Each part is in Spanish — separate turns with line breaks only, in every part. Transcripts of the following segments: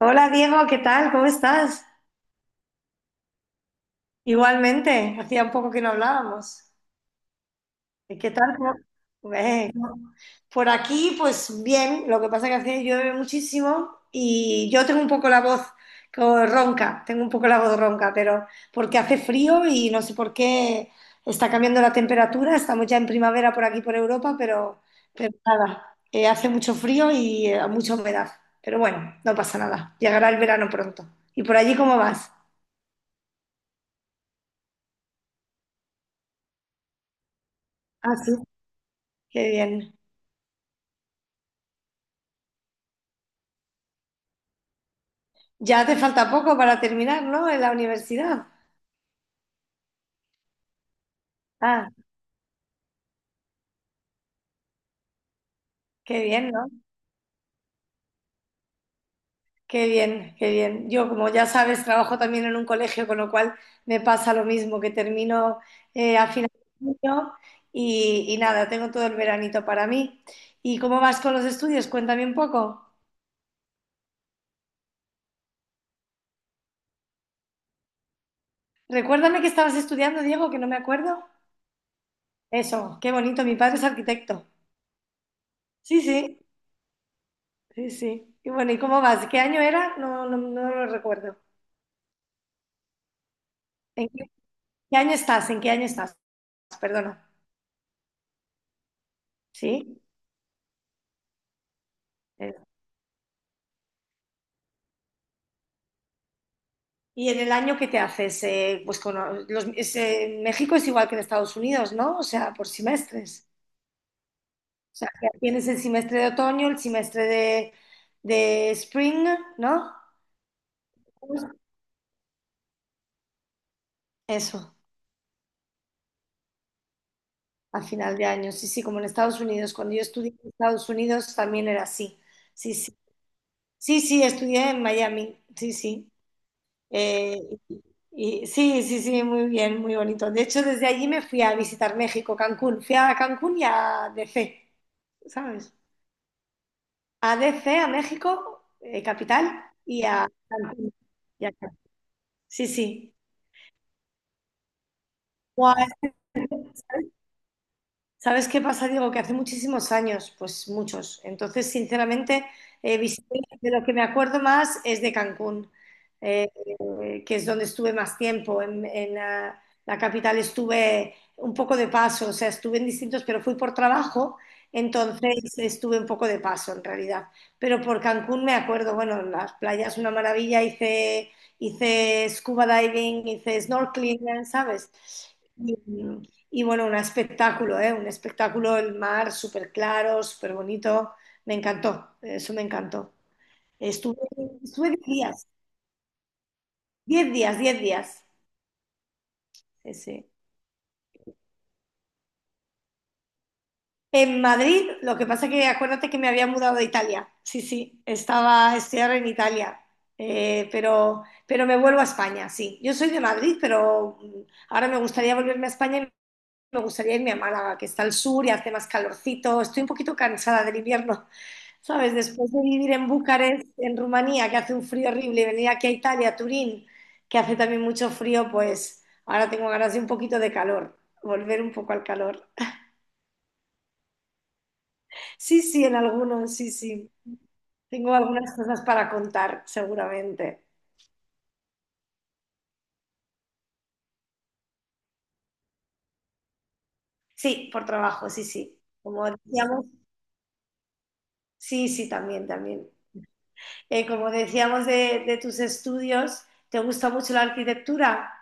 Hola Diego, ¿qué tal? ¿Cómo estás? Igualmente, hacía un poco que no hablábamos. ¿Y qué tal? Eh, Por aquí, pues bien, lo que pasa que hace llueve muchísimo y yo tengo un poco la voz ronca, tengo un poco la voz ronca, pero porque hace frío y no sé por qué está cambiando la temperatura, estamos ya en primavera por aquí por Europa, pero nada, hace mucho frío y mucha humedad, pero bueno, no pasa nada, llegará el verano pronto. ¿Y por allí cómo vas? Así. Qué bien. Ya te falta poco para terminar, ¿no? En la universidad. Ah, qué bien, ¿no? Qué bien, qué bien. Yo, como ya sabes, trabajo también en un colegio, con lo cual me pasa lo mismo, que termino a final de año y nada, tengo todo el veranito para mí. ¿Y cómo vas con los estudios? Cuéntame un poco. Recuérdame que estabas estudiando, Diego, que no me acuerdo. Eso, qué bonito, mi padre es arquitecto. Sí, sí, sí, sí. Y bueno, ¿y cómo vas? ¿Qué año era? No, no, no lo recuerdo. ¿Qué año estás? ¿En qué año estás? Perdona. ¿Sí? Eh, ¿y en el año que te haces? Pues con los, es, México es igual que en Estados Unidos, ¿no? O sea, por semestres. O sea, que tienes el semestre de otoño, el semestre de spring, ¿no? Pues eso, a final de año. Sí, sí, como en Estados Unidos. Cuando yo estudié en Estados Unidos también era así. Sí, sí. Sí, sí, estudié en Miami. Sí, sí. Eh, y, sí, sí, sí, muy bien, muy bonito. De hecho, desde allí me fui a visitar México, Cancún. Fui a Cancún y a D C, ¿sabes? A D C a México, capital, y a Cancún. Y a sí, sí. ¿Sabes qué pasa, Diego? Que hace muchísimos años, pues muchos. Entonces, sinceramente, de lo que me acuerdo más es de Cancún, eh, que es donde estuve más tiempo. En, la capital estuve un poco de paso, o sea, estuve en distintos, pero fui por trabajo, entonces estuve un poco de paso en realidad. Pero por Cancún me acuerdo, bueno, las playas una maravilla, hice scuba diving, hice snorkeling, ¿sabes? Y, y bueno, un espectáculo, ¿eh? Un espectáculo, el mar súper claro, súper bonito. Me encantó, eso me encantó. Estuve, estuve 10 días, 10 días, 10 días. Sí, sí. En Madrid, lo que pasa que acuérdate que me había mudado de Italia. Sí, sí, estaba, estoy ahora en Italia. Pero me vuelvo a España, sí. Yo soy de Madrid, pero mm, ahora me gustaría volverme a España y me gustaría irme a Málaga, que está al sur y hace más calorcito. Estoy un poquito cansada del invierno. ¿Sabes? Después de vivir en Bucarest, en Rumanía, que hace un frío horrible, y venir aquí a Italia, a Turín, que hace también mucho frío, pues ahora tengo ganas de un poquito de calor, volver un poco al calor. Sí, sí, en algunos, sí, sí. Tengo algunas cosas para contar, seguramente. Sí, por trabajo, sí, sí. Como decíamos, sí, sí, también, también. Como decíamos de tus estudios, ¿te gusta mucho la arquitectura?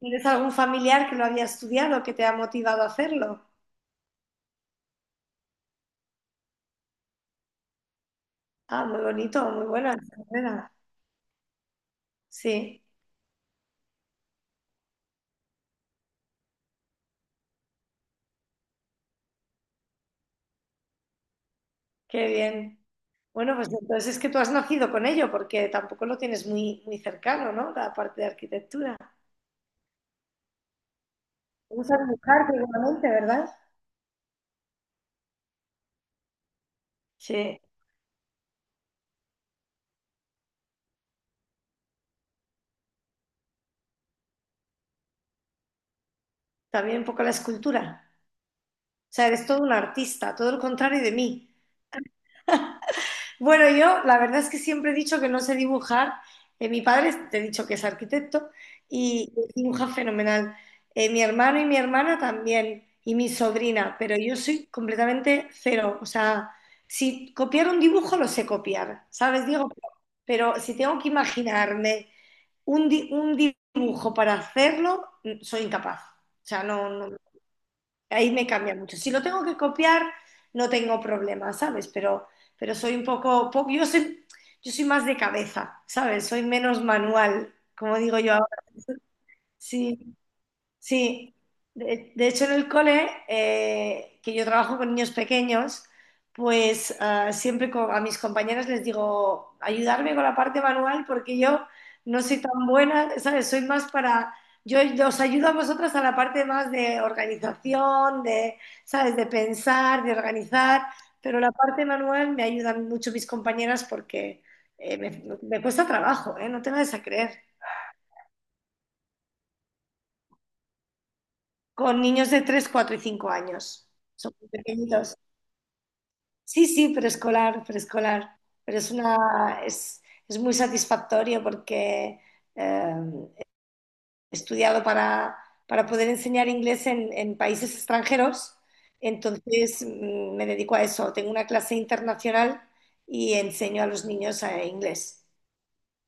¿Tienes algún familiar que lo había estudiado, que te ha motivado a hacerlo? Ah, muy bonito, muy buena, enhorabuena. Sí, qué bien. Bueno, pues entonces es que tú has nacido con ello, porque tampoco lo tienes muy, muy cercano, ¿no? La parte de arquitectura. Usas dibujar seguramente, ¿verdad? Sí, también un poco la escultura. O sea, eres todo un artista, todo lo contrario de mí. Bueno, yo la verdad es que siempre he dicho que no sé dibujar. Mi padre, te he dicho que es arquitecto y dibuja fenomenal. Mi hermano y mi hermana también, y mi sobrina, pero yo soy completamente cero. O sea, si copiar un dibujo lo sé copiar, ¿sabes? Digo, pero si tengo que imaginarme un dibujo para hacerlo, mm, soy incapaz. O sea, no, no, ahí me cambia mucho. Si lo tengo que copiar, no tengo problema, ¿sabes? Pero soy un poco, yo soy más de cabeza, ¿sabes? Soy menos manual, como digo yo ahora. Sí. Sí, de hecho en el cole, que yo trabajo con niños pequeños, pues a mis compañeras les digo, ayudarme con la parte manual porque yo no soy tan buena, ¿sabes? Soy más para, yo os ayudo a vosotras a la parte más de organización, de, ¿sabes? De pensar, de organizar, pero la parte manual me ayudan mucho mis compañeras porque me cuesta trabajo, ¿eh? No te vayas a creer. Con niños de 3, 4 y 5 años. Son muy pequeñitos. Sí, sí, preescolar, preescolar. Pero es muy satisfactorio porque eh, he estudiado para poder enseñar inglés en países extranjeros. Entonces mm, me dedico a eso. Tengo una clase internacional y enseño a los niños inglés.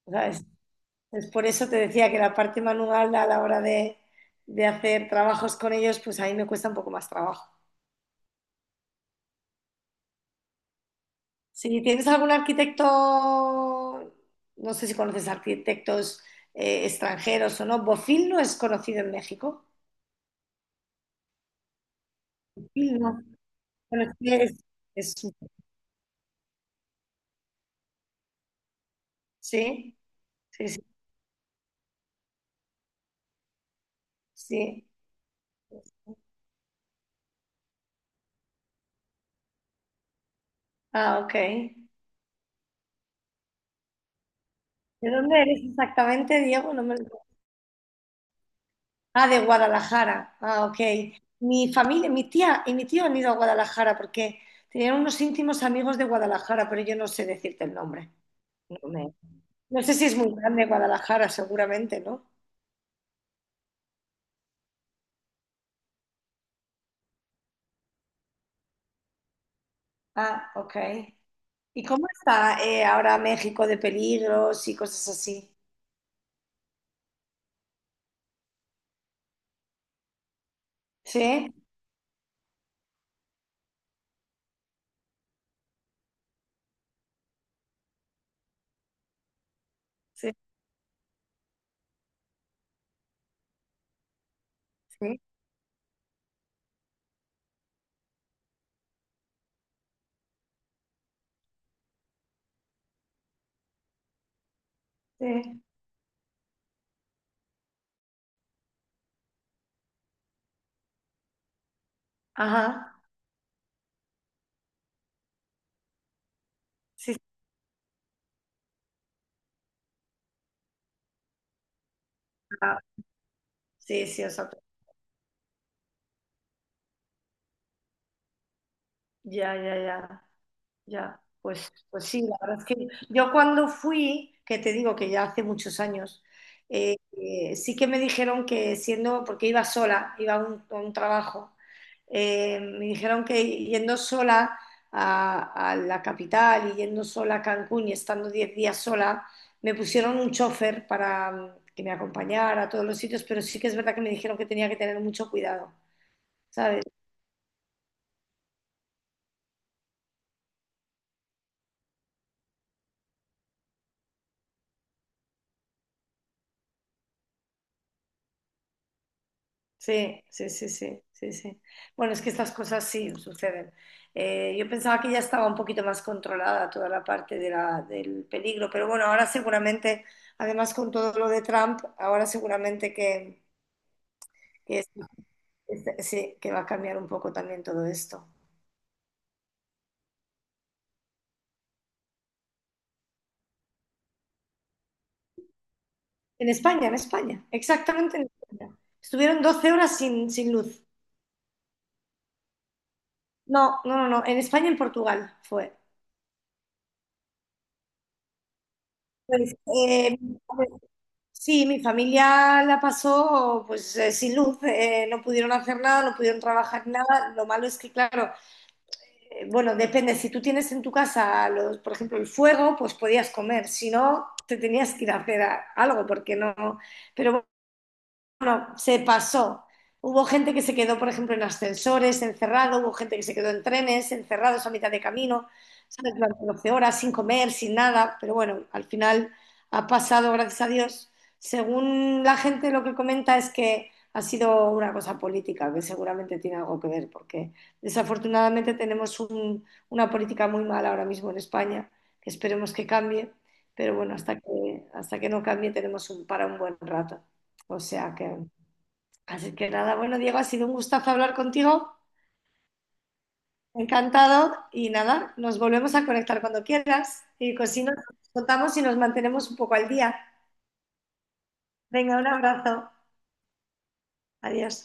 ¿Sabes? Es por eso te decía que la parte manual a la hora de hacer trabajos con ellos, pues a mí me cuesta un poco más trabajo. Si tienes algún arquitecto, no sé si conoces arquitectos extranjeros o no. Bofill no es conocido en México. Bofill no. Bueno, sí es, es- un- sí, sí, sí, sí. Ah, ok. ¿De dónde eres exactamente, Diego? No me lo- Ah, de Guadalajara. Ah, ok. Mi familia, mi tía y mi tío han ido a Guadalajara porque tenían unos íntimos amigos de Guadalajara, pero yo no sé decirte el nombre. No, me- no sé si es muy grande Guadalajara, seguramente, ¿no? Ah, ok. ¿Y cómo está ahora México de peligros y cosas así? Sí, sí, sí, sí. Ajá. Sí, está- sí, sí, o sea, ya, ya, ya. Ya, pues, pues sí, la verdad es que yo cuando fui, que te digo que ya hace muchos años, sí que me dijeron que siendo, porque iba sola, iba a un trabajo, me dijeron que yendo sola a la capital y yendo sola a Cancún y estando 10 días sola, me pusieron un chofer para mm, que me acompañara a todos los sitios, pero sí que es verdad que me dijeron que tenía que tener mucho cuidado, ¿sabes? Sí, sí, sí, sí, sí, sí. Bueno, es que estas cosas sí suceden. Yo pensaba que ya estaba un poquito más controlada toda la parte de del peligro, pero bueno, ahora seguramente, además con todo lo de Trump, ahora seguramente que, que es- sí, que va a cambiar un poco también todo esto. En España, exactamente en España. Estuvieron 12 horas sin, sin luz. No, no, no, no, en España y en Portugal fue. Pues, sí, mi familia la pasó pues sin luz, no pudieron hacer nada, no pudieron trabajar nada. Lo malo es que, claro, bueno, depende, si tú tienes en tu casa, los, por ejemplo, el fuego, pues podías comer, si no, te tenías que ir a hacer algo, porque no. Pero no, se pasó. Hubo gente que se quedó, por ejemplo, en ascensores, encerrado, hubo gente que se quedó en trenes, encerrados a mitad de camino, ¿sabes? Durante 12 horas, sin comer, sin nada, pero bueno, al final ha pasado, gracias a Dios. Según la gente lo que comenta es que ha sido una cosa política, que seguramente tiene algo que ver, porque desafortunadamente tenemos una política muy mala ahora mismo en España, que esperemos que cambie, pero bueno, hasta que no cambie tenemos un, para un buen rato. O sea que, así que nada, bueno, Diego, ha sido un gustazo hablar contigo, encantado. Y nada, nos volvemos a conectar cuando quieras. Y pues si nos contamos y nos mantenemos un poco al día. Venga, un abrazo. Adiós.